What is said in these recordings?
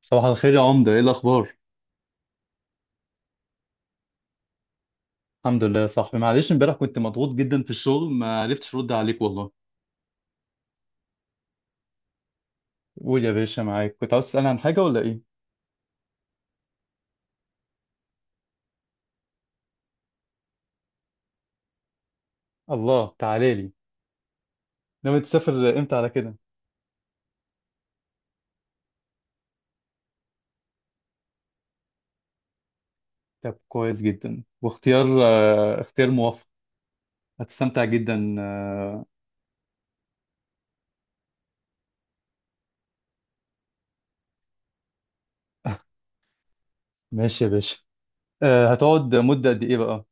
صباح الخير يا عمدة، ايه الاخبار؟ الحمد لله يا صاحبي، معلش امبارح كنت مضغوط جدا في الشغل، ما عرفتش ارد عليك والله. قول يا باشا، معاك. كنت عاوز تسألني عن حاجة ولا ايه؟ الله تعالى لي. ناوي تسافر امتى على كده؟ طب كويس جدا، واختيار اختيار موفق. هتستمتع جدا. ماشي يا باشا. هتقعد مدة قد ايه بقى؟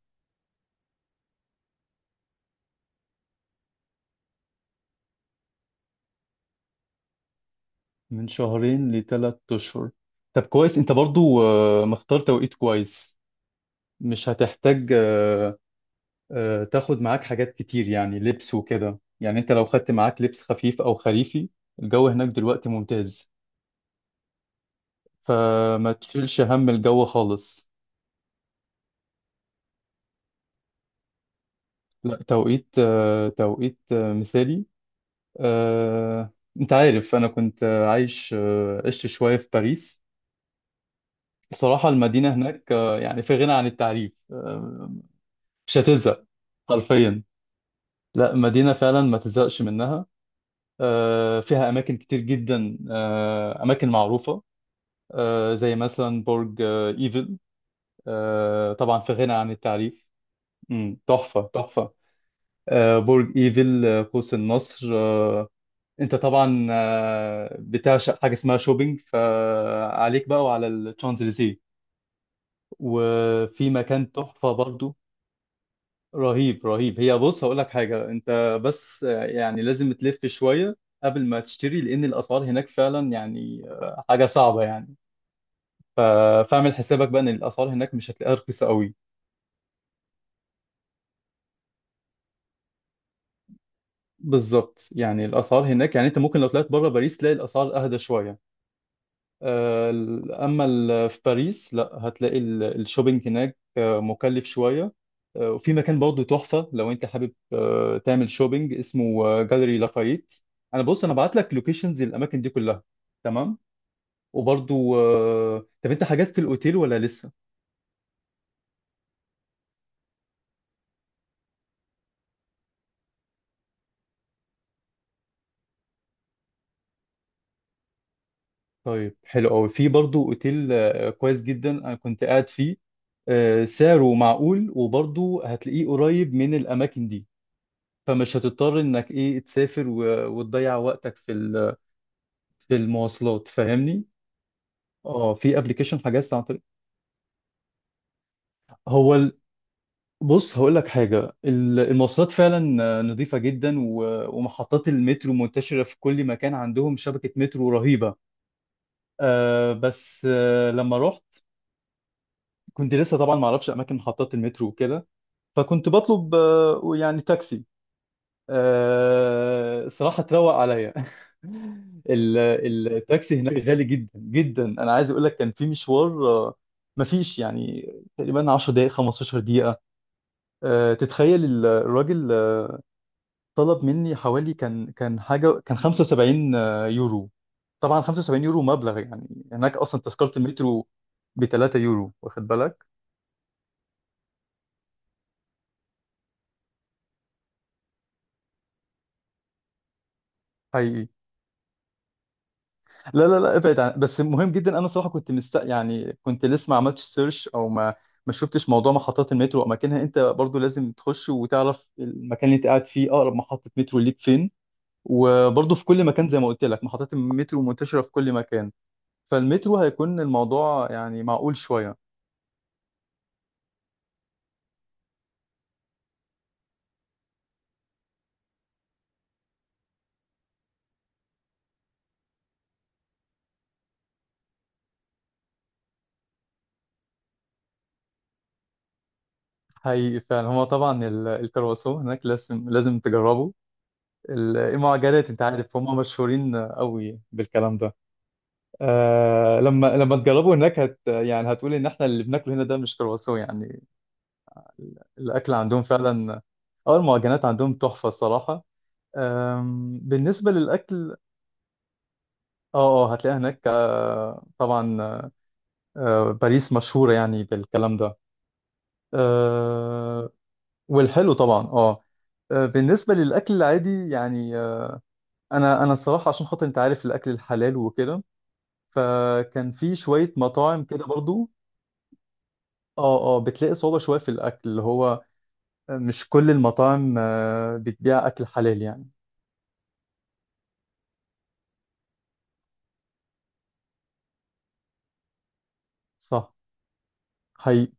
من شهرين لثلاث اشهر. طب كويس، انت برضو مختار توقيت كويس. مش هتحتاج تاخد معاك حاجات كتير، يعني لبس وكده. يعني انت لو خدت معاك لبس خفيف او خريفي، الجو هناك دلوقتي ممتاز، فما تشيلش هم الجو خالص. لا، توقيت توقيت مثالي. آه، انت عارف انا كنت آه، عايش آه، عشت شوية في باريس. بصراحة المدينة هناك، يعني في غنى عن التعريف. مش هتزهق حرفيا. لا، مدينة فعلا ما تزهقش منها. فيها أماكن كتير جدا، أماكن معروفة، زي مثلا برج ايفل. طبعا في غنى عن التعريف. تحفة تحفة. برج ايفل، قوس النصر. انت طبعا بتعشق حاجة اسمها شوبينج، فعليك بقى وعلى الشانزليزيه، وفي مكان تحفة برضو. رهيب رهيب. هي بص، هقول لك حاجة، انت بس يعني لازم تلف شوية قبل ما تشتري، لان الاسعار هناك فعلا يعني حاجة صعبة يعني. ف- فاعمل حسابك بقى ان الاسعار هناك مش هتلاقيها رخيصة قوي. بالظبط، يعني الاسعار هناك، يعني انت ممكن لو طلعت بره باريس تلاقي الاسعار اهدى شويه. في باريس لا، هتلاقي الشوبينج هناك مكلف شويه. وفي مكان برضه تحفه، لو انت حابب تعمل شوبينج، اسمه جاليري لافايت. انا بص، انا بعت لك لوكيشنز الاماكن دي كلها. تمام. وبرضه طب انت حجزت الاوتيل ولا لسه؟ طيب، حلو قوي. في برضه اوتيل كويس جدا انا كنت قاعد فيه. سعره معقول، وبرضه هتلاقيه قريب من الاماكن دي، فمش هتضطر انك ايه تسافر وتضيع وقتك في في المواصلات، فاهمني. اه، في ابلكيشن حجزت عن طريق. هو ال- بص هقول لك حاجه، المواصلات فعلا نظيفه جدا، ومحطات المترو منتشره في كل مكان، عندهم شبكه مترو رهيبه. آه بس، آه لما رحت كنت لسه طبعا ما اعرفش اماكن محطات المترو وكده، فكنت بطلب يعني تاكسي. الصراحة تروق عليا. ال- التاكسي هناك غالي جدا جدا. انا عايز اقول لك، كان في مشوار مفيش يعني، تقريبا 10 دقائق 15 دقيقة، تتخيل الراجل طلب مني حوالي، كان كان حاجة كان 75 يورو. طبعا 75 يورو مبلغ، يعني هناك اصلا تذكرة المترو ب 3 يورو، واخد بالك؟ حقيقي. لا لا لا، ابعد عن، بس مهم جدا. انا صراحه كنت مست، يعني كنت لسه ما عملتش سيرش، او ما ما شفتش موضوع محطات المترو واماكنها. انت برضو لازم تخش وتعرف المكان اللي انت قاعد فيه اقرب محطه مترو ليك فين. وبرضو في كل مكان، زي ما قلت لك، محطات المترو منتشره في كل مكان، فالمترو هيكون الموضوع يعني معقول شويه. حقيقي فعلا. هو طبعا الكرواسون هناك لازم لازم تجربه. المعجنات، انت عارف هم مشهورين قوي بالكلام ده. آه، لما تجربوا هناك، هت يعني هتقول ان احنا اللي بناكله هنا ده مش كرواسون يعني. الاكل عندهم فعلا. اه، المعجنات عندهم تحفه الصراحه. بالنسبه للاكل، اه اه هتلاقي هناك آه طبعا، آه باريس مشهوره يعني بالكلام ده. آه. والحلو طبعا، اه. بالنسبه للاكل العادي يعني، انا الصراحه عشان خاطر، انت عارف، الاكل الحلال وكده، فكان في شويه مطاعم كده برضو. اه اه، بتلاقي صعوبة شوية في الأكل، اللي هو مش كل المطاعم بتبيع أكل حلال يعني. صح. حقيقي.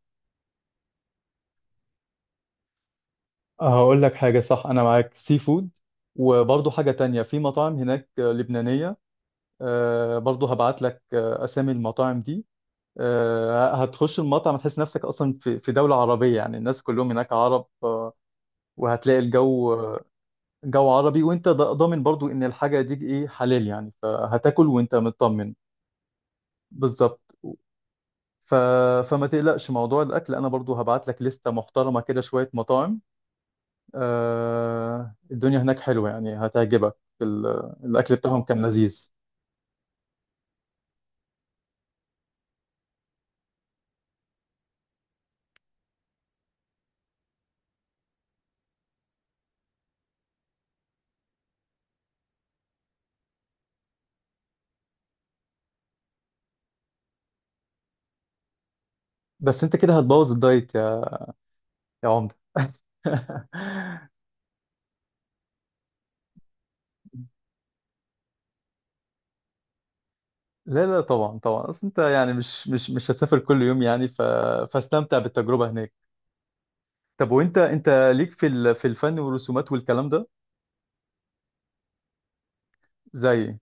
هقول لك حاجة، صح أنا معاك، سي فود، وبرضه حاجة تانية، في مطاعم هناك لبنانية. برضه هبعت لك أسامي المطاعم دي. هتخش المطعم هتحس نفسك أصلا في في دولة عربية، يعني الناس كلهم هناك عرب. وهتلاقي الجو جو عربي، وأنت ضامن برضه إن الحاجة دي إيه حلال يعني، فهتاكل وأنت مطمن. بالظبط. ف... فما تقلقش موضوع الاكل، انا برضو هبعت لك لستة محترمة كده شوية مطاعم. الدنيا هناك حلوة يعني، هتعجبك. ال... الاكل بتاعهم كان لذيذ. بس انت كده هتبوظ الدايت، يا عمدة. لا لا، طبعا طبعا، اصل انت يعني مش هتسافر كل يوم يعني، فاستمتع بالتجربة هناك. طب وانت، انت ليك في في الفن والرسومات والكلام ده؟ زي،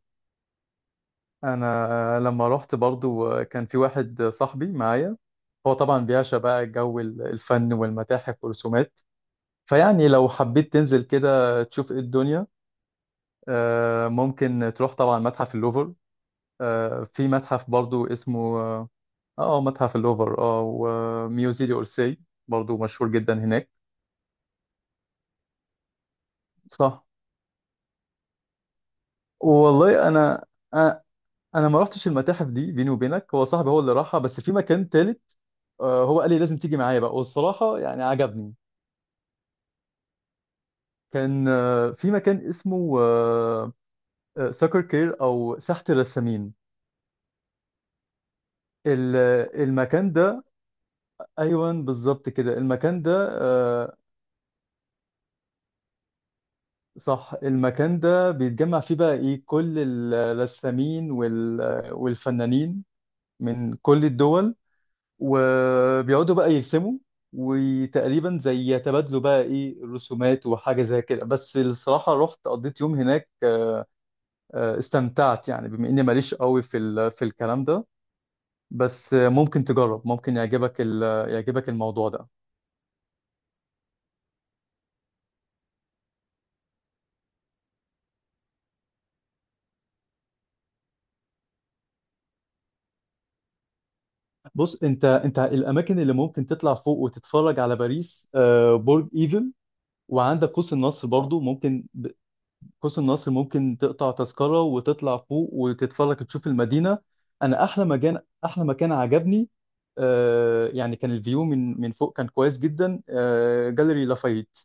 انا لما رحت برضو كان في واحد صاحبي معايا، هو طبعا بيعشق بقى جو الفن والمتاحف والرسومات. فيعني لو حبيت تنزل كده تشوف ايه الدنيا، ممكن تروح طبعا متحف اللوفر. في متحف برضو اسمه اه، متحف اللوفر، اه، وميوزي دي اورسي، برضو مشهور جدا هناك. صح. والله انا آه، انا ما رحتش المتاحف دي بيني وبينك، هو صاحبي هو اللي راحها. بس في مكان تالت هو قال لي لازم تيجي معايا بقى، والصراحة يعني عجبني. كان في مكان اسمه ساكر كير او ساحة الرسامين. ال- المكان ده، ايوان بالظبط كده المكان ده. آه، صح، المكان ده بيتجمع فيه بقى ايه كل الرسامين والفنانين من كل الدول، وبيقعدوا بقى يرسموا، وتقريبا زي يتبادلوا بقى ايه الرسومات وحاجة زي كده. بس الصراحة رحت قضيت يوم هناك، استمتعت يعني، بما اني ماليش قوي في في الكلام ده، بس ممكن تجرب، ممكن يعجبك يعجبك الموضوع ده. بص انت، انت الاماكن اللي ممكن تطلع فوق وتتفرج على باريس برج ايفل، وعندك قوس النصر برضو ممكن قوس النصر ممكن تقطع تذكرة وتطلع فوق وتتفرج، تشوف المدينة. انا احلى مكان، احلى مكان عجبني يعني، كان الفيو من من فوق كان كويس جدا، جاليري لافايت،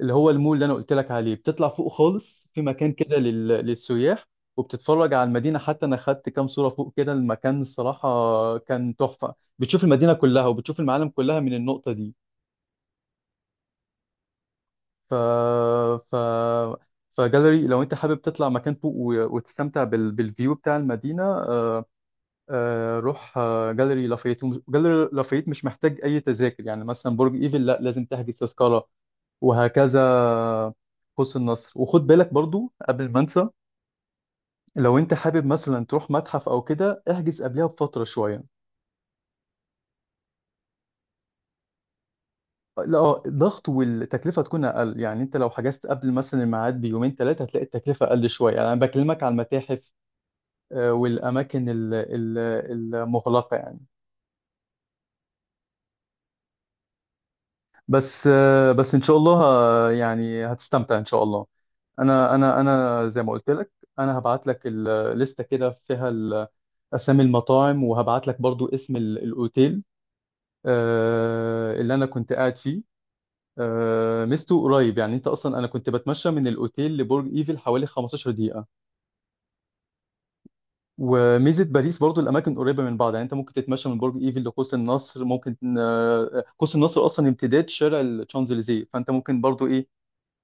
اللي هو المول اللي انا قلت لك عليه، بتطلع فوق خالص في مكان كده للسياح، وبتتفرج على المدينه. حتى انا خدت كام صوره فوق كده، المكان الصراحه كان تحفه، بتشوف المدينه كلها وبتشوف المعالم كلها من النقطه دي. ف ف فجاليري، لو انت حابب تطلع مكان فوق وتستمتع بالفيو بتاع المدينه، روح جاليري لافيت. جاليري لافيت مش محتاج اي تذاكر، يعني مثلا برج ايفل لا، لازم تحجز تذكره، وهكذا. قوس النصر، وخد بالك برضو قبل ما انسى، لو انت حابب مثلا تروح متحف او كده، احجز قبلها بفتره شويه. لا الضغط والتكلفه تكون اقل، يعني انت لو حجزت قبل مثلا الميعاد بيومين ثلاثه هتلاقي التكلفه اقل شويه، يعني انا بكلمك على المتاحف والاماكن المغلقه يعني. بس بس ان شاء الله يعني هتستمتع ان شاء الله. انا زي ما قلت لك، انا هبعت لك الليسته كده فيها اسامي المطاعم، وهبعت لك برضو اسم الاوتيل اللي انا كنت قاعد فيه. ميزته قريب، يعني انت اصلا انا كنت بتمشى من الاوتيل لبرج ايفل حوالي 15 دقيقة. وميزة باريس برضو الاماكن قريبة من بعض، يعني انت ممكن تتمشى من برج ايفل لقوس النصر، ممكن قوس النصر اصلا امتداد شارع الشانزليزيه، فانت ممكن برضو ايه،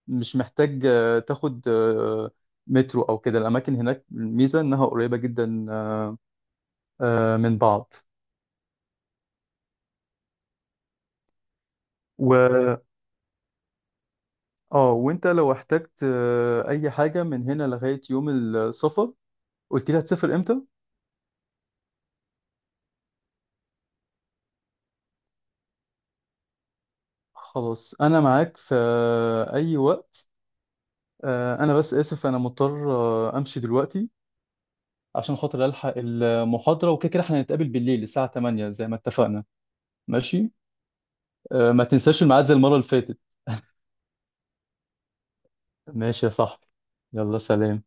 مش محتاج آه، تاخد آه، مترو او كده. الاماكن هناك الميزة انها قريبة جدا من بعض. و اه وانت لو احتجت اي حاجة من هنا لغاية يوم السفر، قلت لي هتسافر امتى؟ خلاص، انا معاك في اي وقت. انا بس اسف انا مضطر امشي دلوقتي، عشان خاطر الحق المحاضرة وكده، كده احنا هنتقابل بالليل الساعة 8 زي ما اتفقنا. ماشي. ما تنساش الميعاد زي المرة اللي فاتت. ماشي يا صاحبي، يلا سلام.